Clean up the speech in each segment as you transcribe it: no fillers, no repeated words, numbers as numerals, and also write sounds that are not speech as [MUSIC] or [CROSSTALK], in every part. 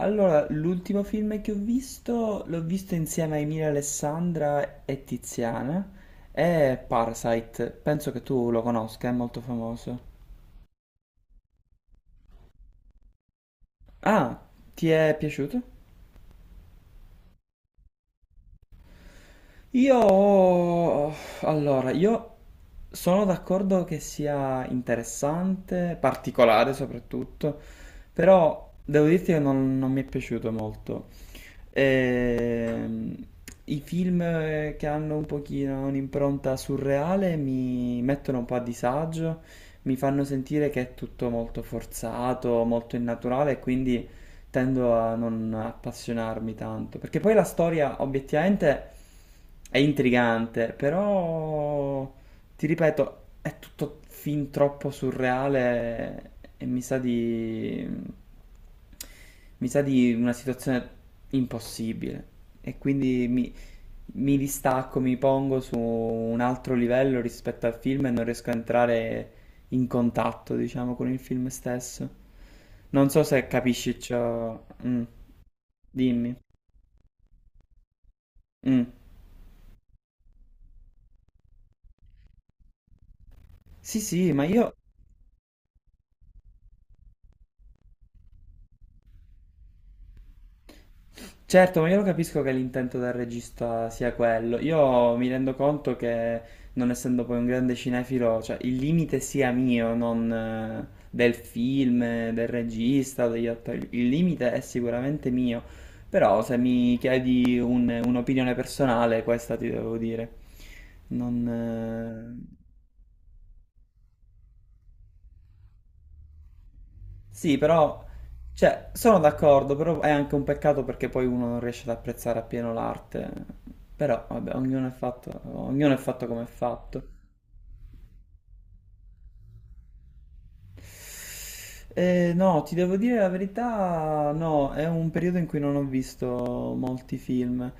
Allora, l'ultimo film che ho visto, l'ho visto insieme a Emilia Alessandra e Tiziana, è Parasite, penso che tu lo conosca, è molto famoso. Ah, ti è piaciuto? Io, allora, io sono d'accordo che sia interessante, particolare soprattutto, però devo dirti che non mi è piaciuto molto. Ehm, i film che hanno un pochino un'impronta surreale mi mettono un po' a disagio, mi fanno sentire che è tutto molto forzato, molto innaturale, e quindi tendo a non appassionarmi tanto, perché poi la storia obiettivamente è intrigante, però ti ripeto, è tutto fin troppo surreale e mi sa di una situazione impossibile e quindi mi distacco, mi pongo su un altro livello rispetto al film e non riesco a entrare in contatto, diciamo, con il film stesso. Non so se capisci ciò. Mm. Dimmi. Mm. Sì, sì, ma io Certo, ma io lo capisco che l'intento del regista sia quello. Io mi rendo conto che, non essendo poi un grande cinefilo, cioè il limite sia mio, non del film, del regista, o degli attori. Il limite è sicuramente mio. Però se mi chiedi un'opinione personale, questa ti devo dire. Non... eh, Sì, però, cioè, sono d'accordo, però è anche un peccato perché poi uno non riesce ad apprezzare appieno l'arte. Però, vabbè, ognuno è fatto come è fatto. No, ti devo dire la verità, no, è un periodo in cui non ho visto molti film.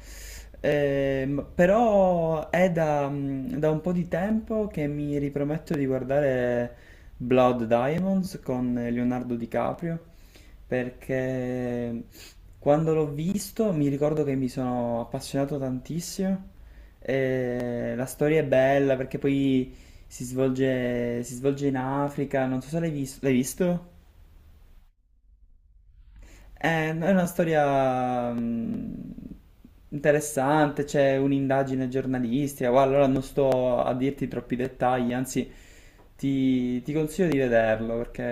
Però è da un po' di tempo che mi riprometto di guardare Blood Diamonds con Leonardo DiCaprio, perché quando l'ho visto mi ricordo che mi sono appassionato tantissimo. E la storia è bella perché poi si svolge in Africa, non so se l'hai visto? È una storia interessante, c'è un'indagine giornalistica, guarda, allora non sto a dirti troppi dettagli, anzi ti consiglio di vederlo perché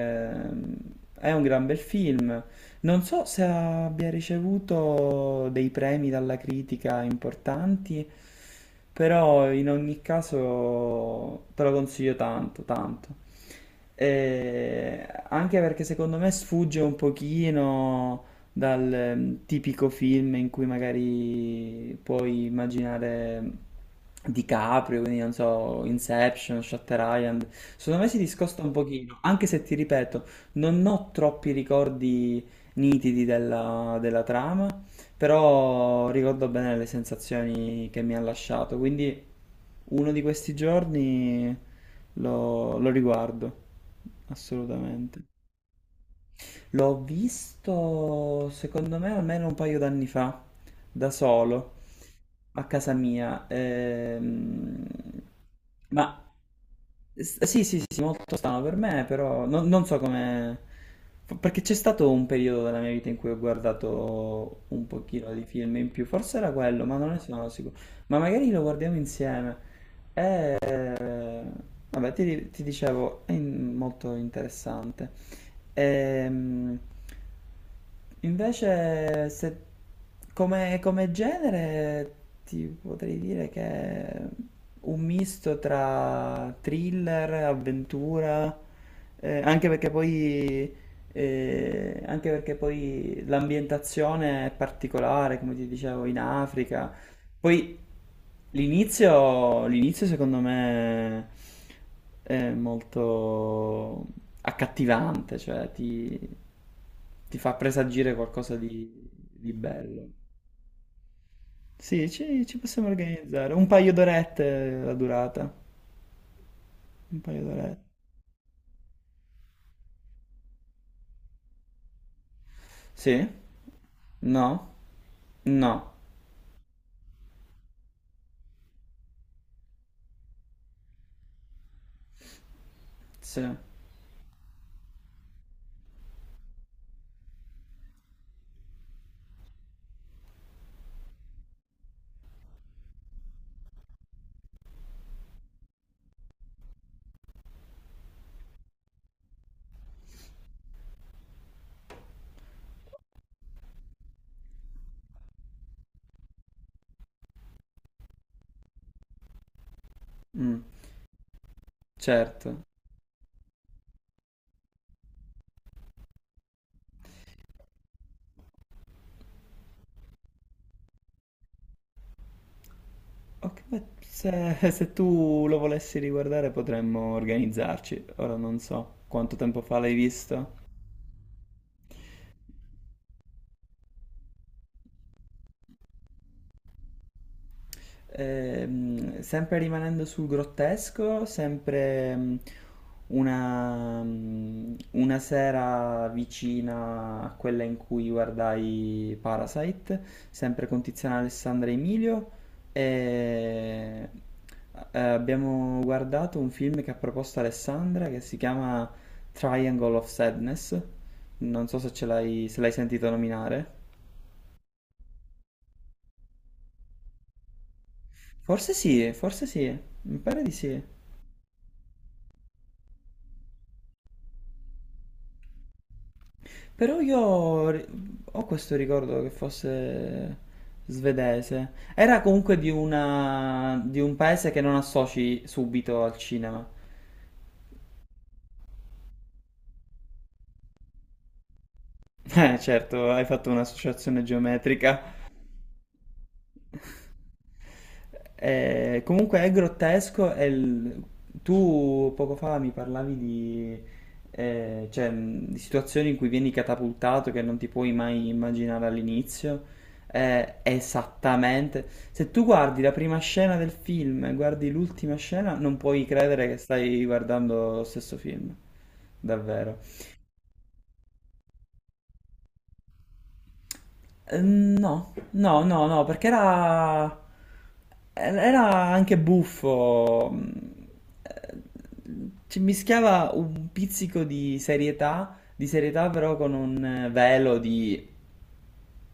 è un gran bel film. Non so se abbia ricevuto dei premi dalla critica importanti, però in ogni caso te lo consiglio tanto, tanto. Anche perché secondo me sfugge un pochino dal tipico film in cui magari puoi immaginare DiCaprio, quindi non so, Inception, Shutter Island. Secondo me si discosta un pochino, anche se ti ripeto, non ho troppi ricordi nitidi della trama, però ricordo bene le sensazioni che mi ha lasciato, quindi uno di questi giorni lo riguardo, assolutamente. L'ho visto, secondo me, almeno un paio d'anni fa, da solo, a casa mia. Ma sì, sì, sì, sì, molto strano per me, però non so come... Perché c'è stato un periodo della mia vita in cui ho guardato un pochino di film in più, forse era quello, ma non ne sono sicuro. Ma magari lo guardiamo insieme. Eh, Vabbè, ti dicevo, molto interessante. Ehm, Invece, se, come genere, ti potrei dire che è un misto tra thriller, avventura, eh, anche perché poi, anche perché poi l'ambientazione è particolare, come ti dicevo, in Africa, poi l'inizio secondo me è molto accattivante, ti fa presagire qualcosa di bello. Sì, ci possiamo organizzare. Un paio d'orette la durata. Un paio d'orette. Sì? No? No. Sì. Mm, certo. Ok, beh, se tu lo volessi riguardare potremmo organizzarci. Ora non so quanto tempo fa l'hai visto. Sempre rimanendo sul grottesco, sempre mm, una sera vicina a quella in cui guardai Parasite, sempre con Tiziana Alessandra e Emilio, e abbiamo guardato un film che ha proposto Alessandra che si chiama Triangle of Sadness. Non so se ce l'hai se l'hai sentito nominare. Forse sì, mi pare di sì. Però ho questo ricordo che fosse svedese. Era comunque di un paese che non associ subito al cinema. [LAUGHS] Certo, hai fatto un'associazione geometrica. Comunque è grottesco. Tu poco fa mi parlavi di situazioni in cui vieni catapultato che non ti puoi mai immaginare all'inizio. Esattamente. Se tu guardi la prima scena del film e guardi l'ultima scena, non puoi credere che stai guardando lo stesso film. Davvero. No, no, no, no, perché era anche buffo. Eh, Ci mischiava un pizzico di serietà però con un velo di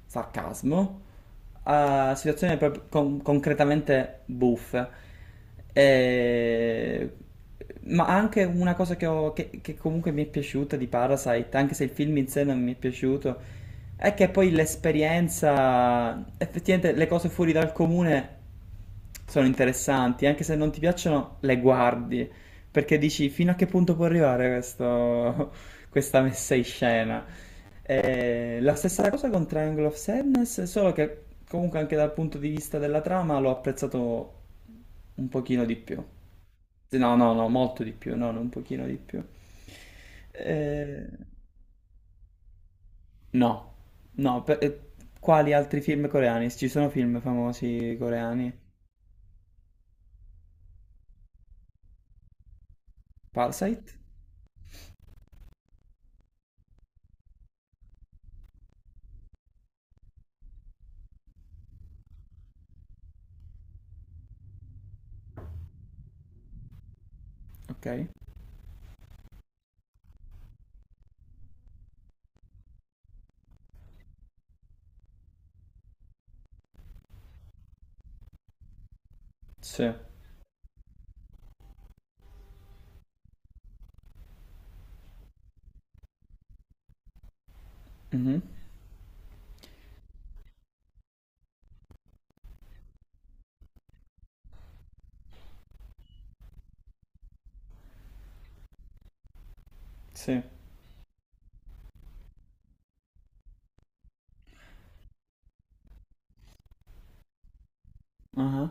sarcasmo a situazioni proprio concretamente buffe. E- Ma anche una cosa che comunque mi è piaciuta di Parasite, anche se il film in sé non mi è piaciuto, è che poi l'esperienza, effettivamente le cose fuori dal comune sono interessanti, anche se non ti piacciono, le guardi, perché dici fino a che punto può arrivare [LAUGHS] questa messa in scena. La stessa cosa con Triangle of Sadness, solo che comunque anche dal punto di vista della trama l'ho apprezzato un pochino di più. No, no, no, molto di più, no, no, un pochino di più. Eh, no, no, per- eh, quali altri film coreani? Ci sono film famosi coreani? Parasite? Ok. Sì. Mhm. Sì. Ah.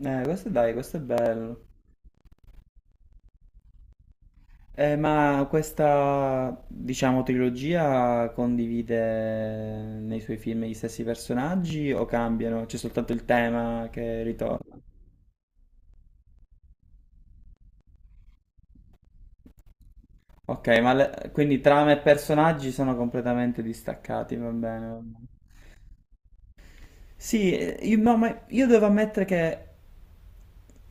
Questo dai, questo è bello. Ma questa, diciamo, trilogia condivide nei suoi film gli stessi personaggi o cambiano? C'è soltanto il tema che ritorna? Ok, ma quindi trama e personaggi sono completamente distaccati, va bene. Va bene. Sì, io, no, ma io devo ammettere che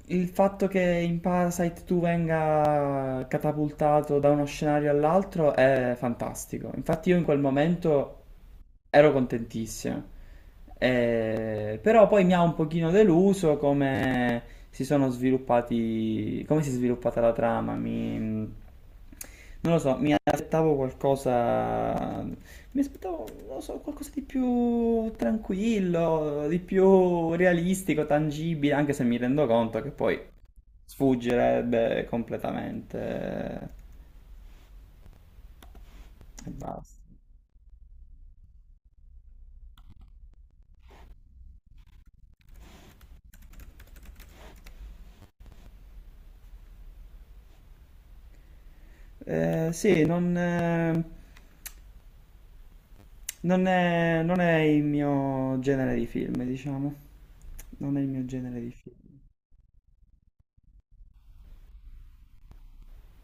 il fatto che in Parasite tu venga catapultato da uno scenario all'altro è fantastico. Infatti io in quel momento ero contentissimo. Però poi mi ha un pochino deluso come come si è sviluppata la trama. Non lo so, mi aspettavo qualcosa, mi aspettavo, non lo so, qualcosa di più tranquillo, di più realistico, tangibile, anche se mi rendo conto che poi sfuggirebbe completamente e basta. Sì, non è, non è il mio genere di film, diciamo. Non è il mio genere di film.